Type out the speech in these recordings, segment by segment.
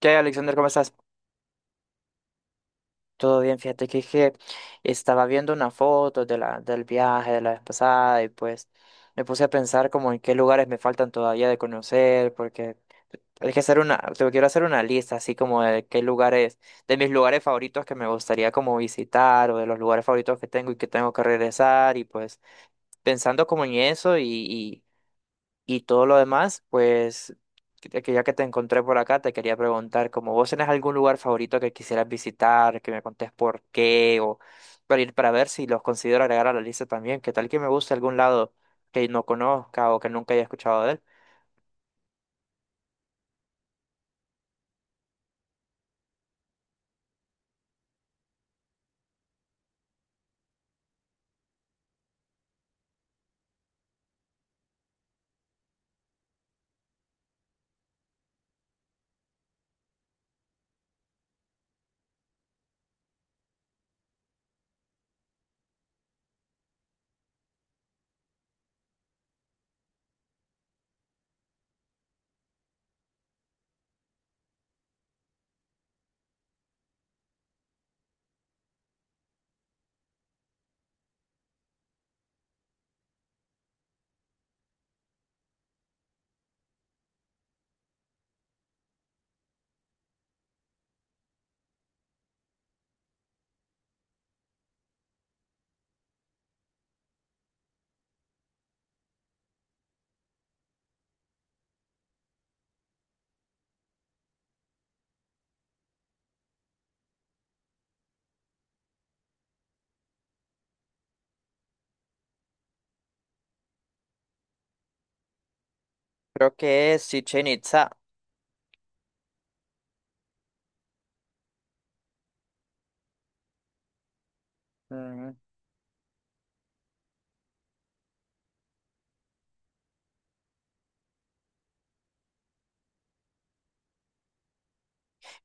¿Qué hay, Alexander? ¿Cómo estás? Todo bien, fíjate que estaba viendo una foto de del viaje de la vez pasada y pues me puse a pensar como en qué lugares me faltan todavía de conocer, porque hay que hacer te quiero hacer una lista así como de qué lugares, de mis lugares favoritos que me gustaría como visitar o de los lugares favoritos que tengo y que tengo que regresar y pues pensando como en eso y todo lo demás, pues, que ya que te encontré por acá, te quería preguntar, como vos tenés algún lugar favorito que quisieras visitar, que me contés por qué, o para ir para ver si los considero agregar a la lista también, que tal que me guste algún lado que no conozca o que nunca haya escuchado de él. Creo que es Chichen Itza.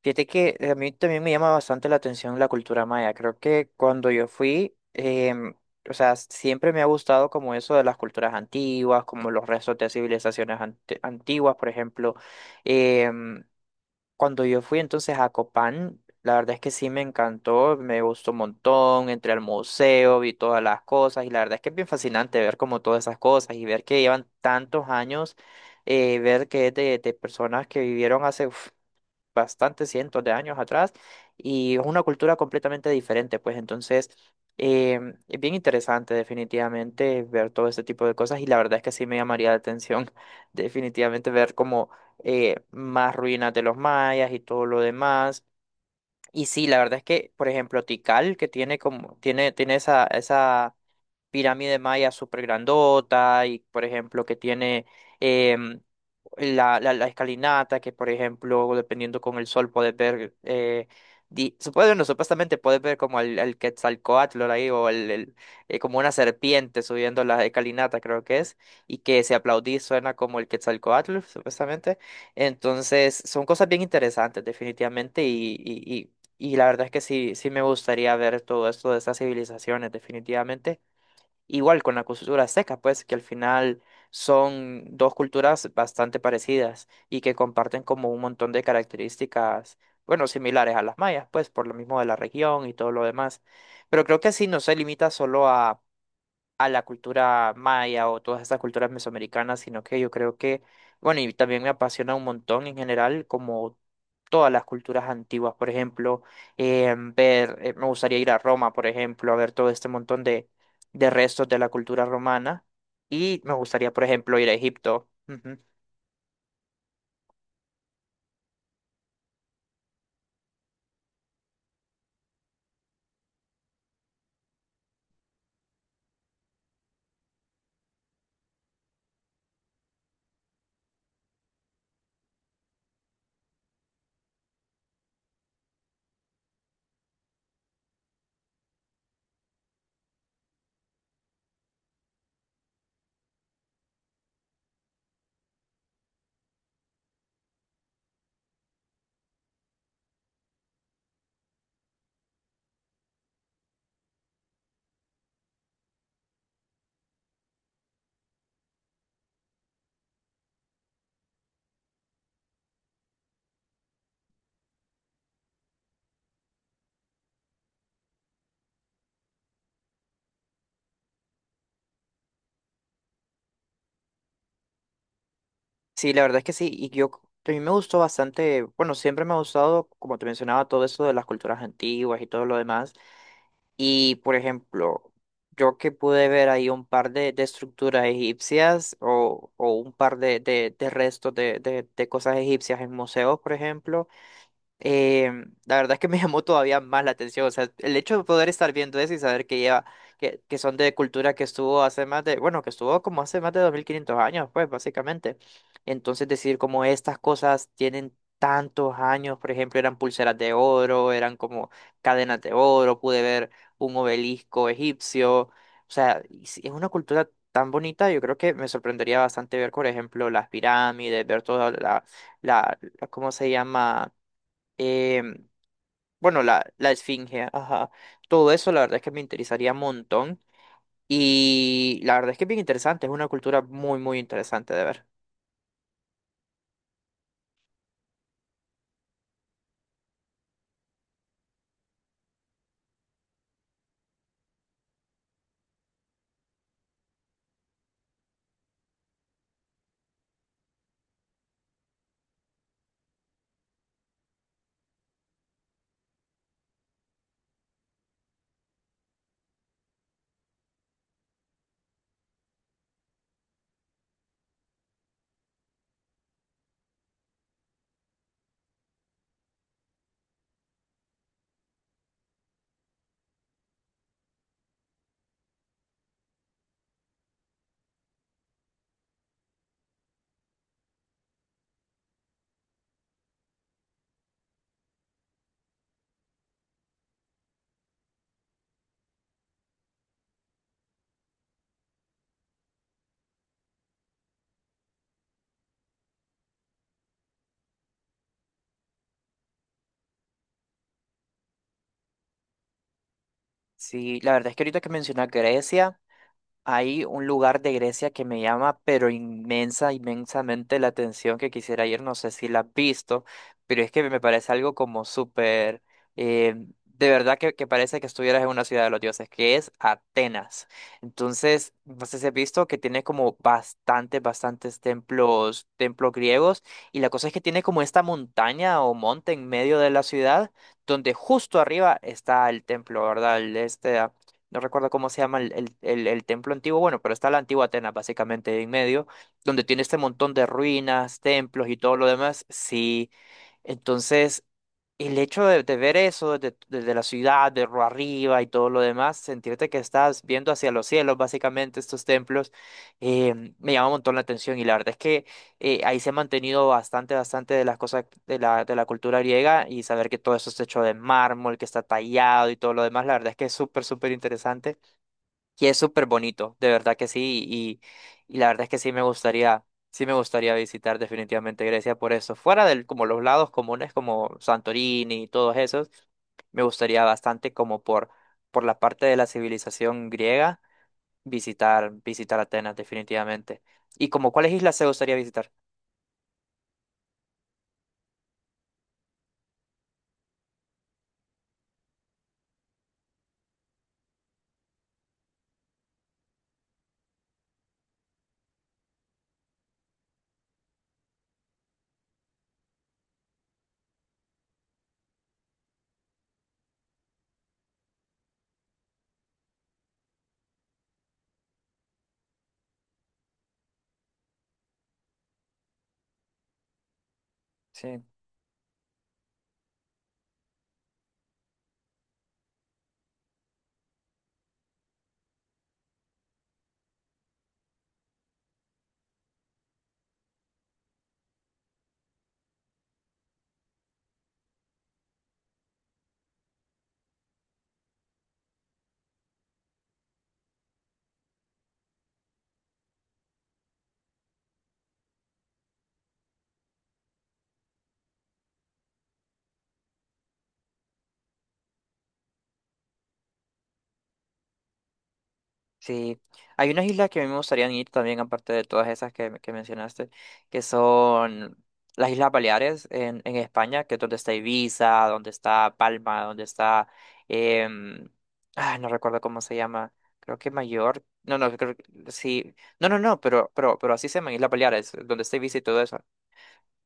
Fíjate que a mí también me llama bastante la atención la cultura maya. Creo que cuando yo fui, o sea, siempre me ha gustado como eso de las culturas antiguas, como los restos de civilizaciones antiguas, por ejemplo. Em, Cuando yo fui entonces a Copán, la verdad es que sí me encantó, me gustó un montón, entré al museo, vi todas las cosas y la verdad es que es bien fascinante ver como todas esas cosas y ver que llevan tantos años, ver que es de personas que vivieron hace uf, bastantes cientos de años atrás y es una cultura completamente diferente, pues entonces eh, es bien interesante definitivamente ver todo este tipo de cosas y la verdad es que sí me llamaría la atención definitivamente ver como más ruinas de los mayas y todo lo demás. Y sí, la verdad es que, por ejemplo, Tikal, que tiene como, tiene esa pirámide maya súper grandota y, por ejemplo, que tiene em, la escalinata, que por ejemplo, dependiendo con el sol, puedes ver, di- supuesto no, supuestamente puedes ver como el Quetzalcóatl ahí, o como una serpiente subiendo la escalinata, creo que es, y que si aplaudís suena como el Quetzalcóatl, supuestamente. Entonces, son cosas bien interesantes, definitivamente, y la verdad es que sí, sí me gustaría ver todo esto de estas civilizaciones, definitivamente. Igual con la cultura azteca, pues que al final son dos culturas bastante parecidas y que comparten como un montón de características, bueno, similares a las mayas, pues por lo mismo de la región y todo lo demás. Pero creo que sí no se limita solo a la cultura maya o todas estas culturas mesoamericanas, sino que yo creo que, bueno, y también me apasiona un montón en general como todas las culturas antiguas, por ejemplo, me gustaría ir a Roma, por ejemplo, a ver todo este montón de restos de la cultura romana y me gustaría, por ejemplo, ir a Egipto. Ujú. Sí, la verdad es que sí, a mí me gustó bastante, bueno, siempre me ha gustado, como te mencionaba, todo eso de las culturas antiguas y todo lo demás, y por ejemplo, yo que pude ver ahí un par de estructuras egipcias o un par de restos de cosas egipcias en museos, por ejemplo, la verdad es que me llamó todavía más la atención. O sea, el hecho de poder estar viendo eso y saber que lleva, que son de cultura que estuvo hace más de, bueno, que estuvo como hace más de 2500 años, pues, básicamente. Entonces, decir como estas cosas tienen tantos años, por ejemplo, eran pulseras de oro, eran como cadenas de oro, pude ver un obelisco egipcio. O sea, y si es una cultura tan bonita, yo creo que me sorprendería bastante ver, por ejemplo, las pirámides, ver toda ¿cómo se llama? em, bueno, la esfinge, ajá. Todo eso la verdad es que me interesaría un montón. Y la verdad es que es bien interesante, es una cultura muy, muy interesante de ver. Sí, la verdad es que ahorita que mencionas Grecia. Hay un lugar de Grecia que me llama, pero inmensa, inmensamente la atención que quisiera ir. No sé si la has visto, pero es que me parece algo como súper, eh, de verdad que parece que estuvieras en una ciudad de los dioses, que es Atenas. Entonces, no sé si has visto que tiene como bastantes, bastantes templos, templos griegos, y la cosa es que tiene como esta montaña o monte en medio de la ciudad, donde justo arriba está el templo, ¿verdad? El este no recuerdo cómo se llama el templo antiguo, bueno, pero está la antigua Atenas básicamente en medio, donde tiene este montón de ruinas, templos y todo lo demás. Sí, entonces el hecho de ver eso desde la ciudad, de arriba y todo lo demás, sentirte que estás viendo hacia los cielos básicamente estos templos, me llama un montón la atención y la verdad es que ahí se ha mantenido bastante, bastante de las cosas de de la cultura griega y saber que todo eso es hecho de mármol, que está tallado y todo lo demás, la verdad es que es súper, súper interesante y es súper bonito, de verdad que sí, y la verdad es que sí me gustaría visitar definitivamente Grecia por eso, fuera de como los lados comunes como Santorini y todos esos, me gustaría bastante como por la parte de la civilización griega visitar, visitar Atenas definitivamente. ¿Y como cuáles islas se gustaría visitar? Sí. Sí, hay unas islas que a mí me gustaría ir también, aparte de todas esas que mencionaste, que son las Islas Baleares en España, que es donde está Ibiza, donde está Palma, donde está, em, no recuerdo cómo se llama, creo que Mayor, no, no, creo que sí, no, no, no, pero así se llaman Islas Baleares, donde está Ibiza y todo eso.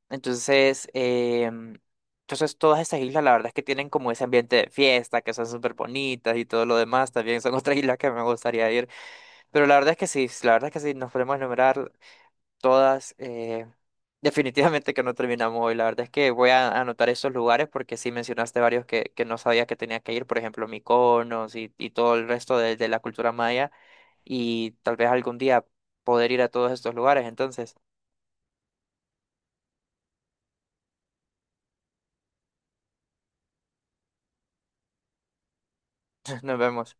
Entonces, entonces todas estas islas, la verdad es que tienen como ese ambiente de fiesta, que son súper bonitas y todo lo demás, también son otras islas que me gustaría ir. Pero la verdad es que sí, la verdad es que sí, nos podemos enumerar todas. Definitivamente que no terminamos hoy. La verdad es que voy a anotar esos lugares porque sí mencionaste varios que no sabía que tenía que ir, por ejemplo, Mykonos y todo el resto de la cultura maya. Y tal vez algún día poder ir a todos estos lugares. Entonces, nos vemos.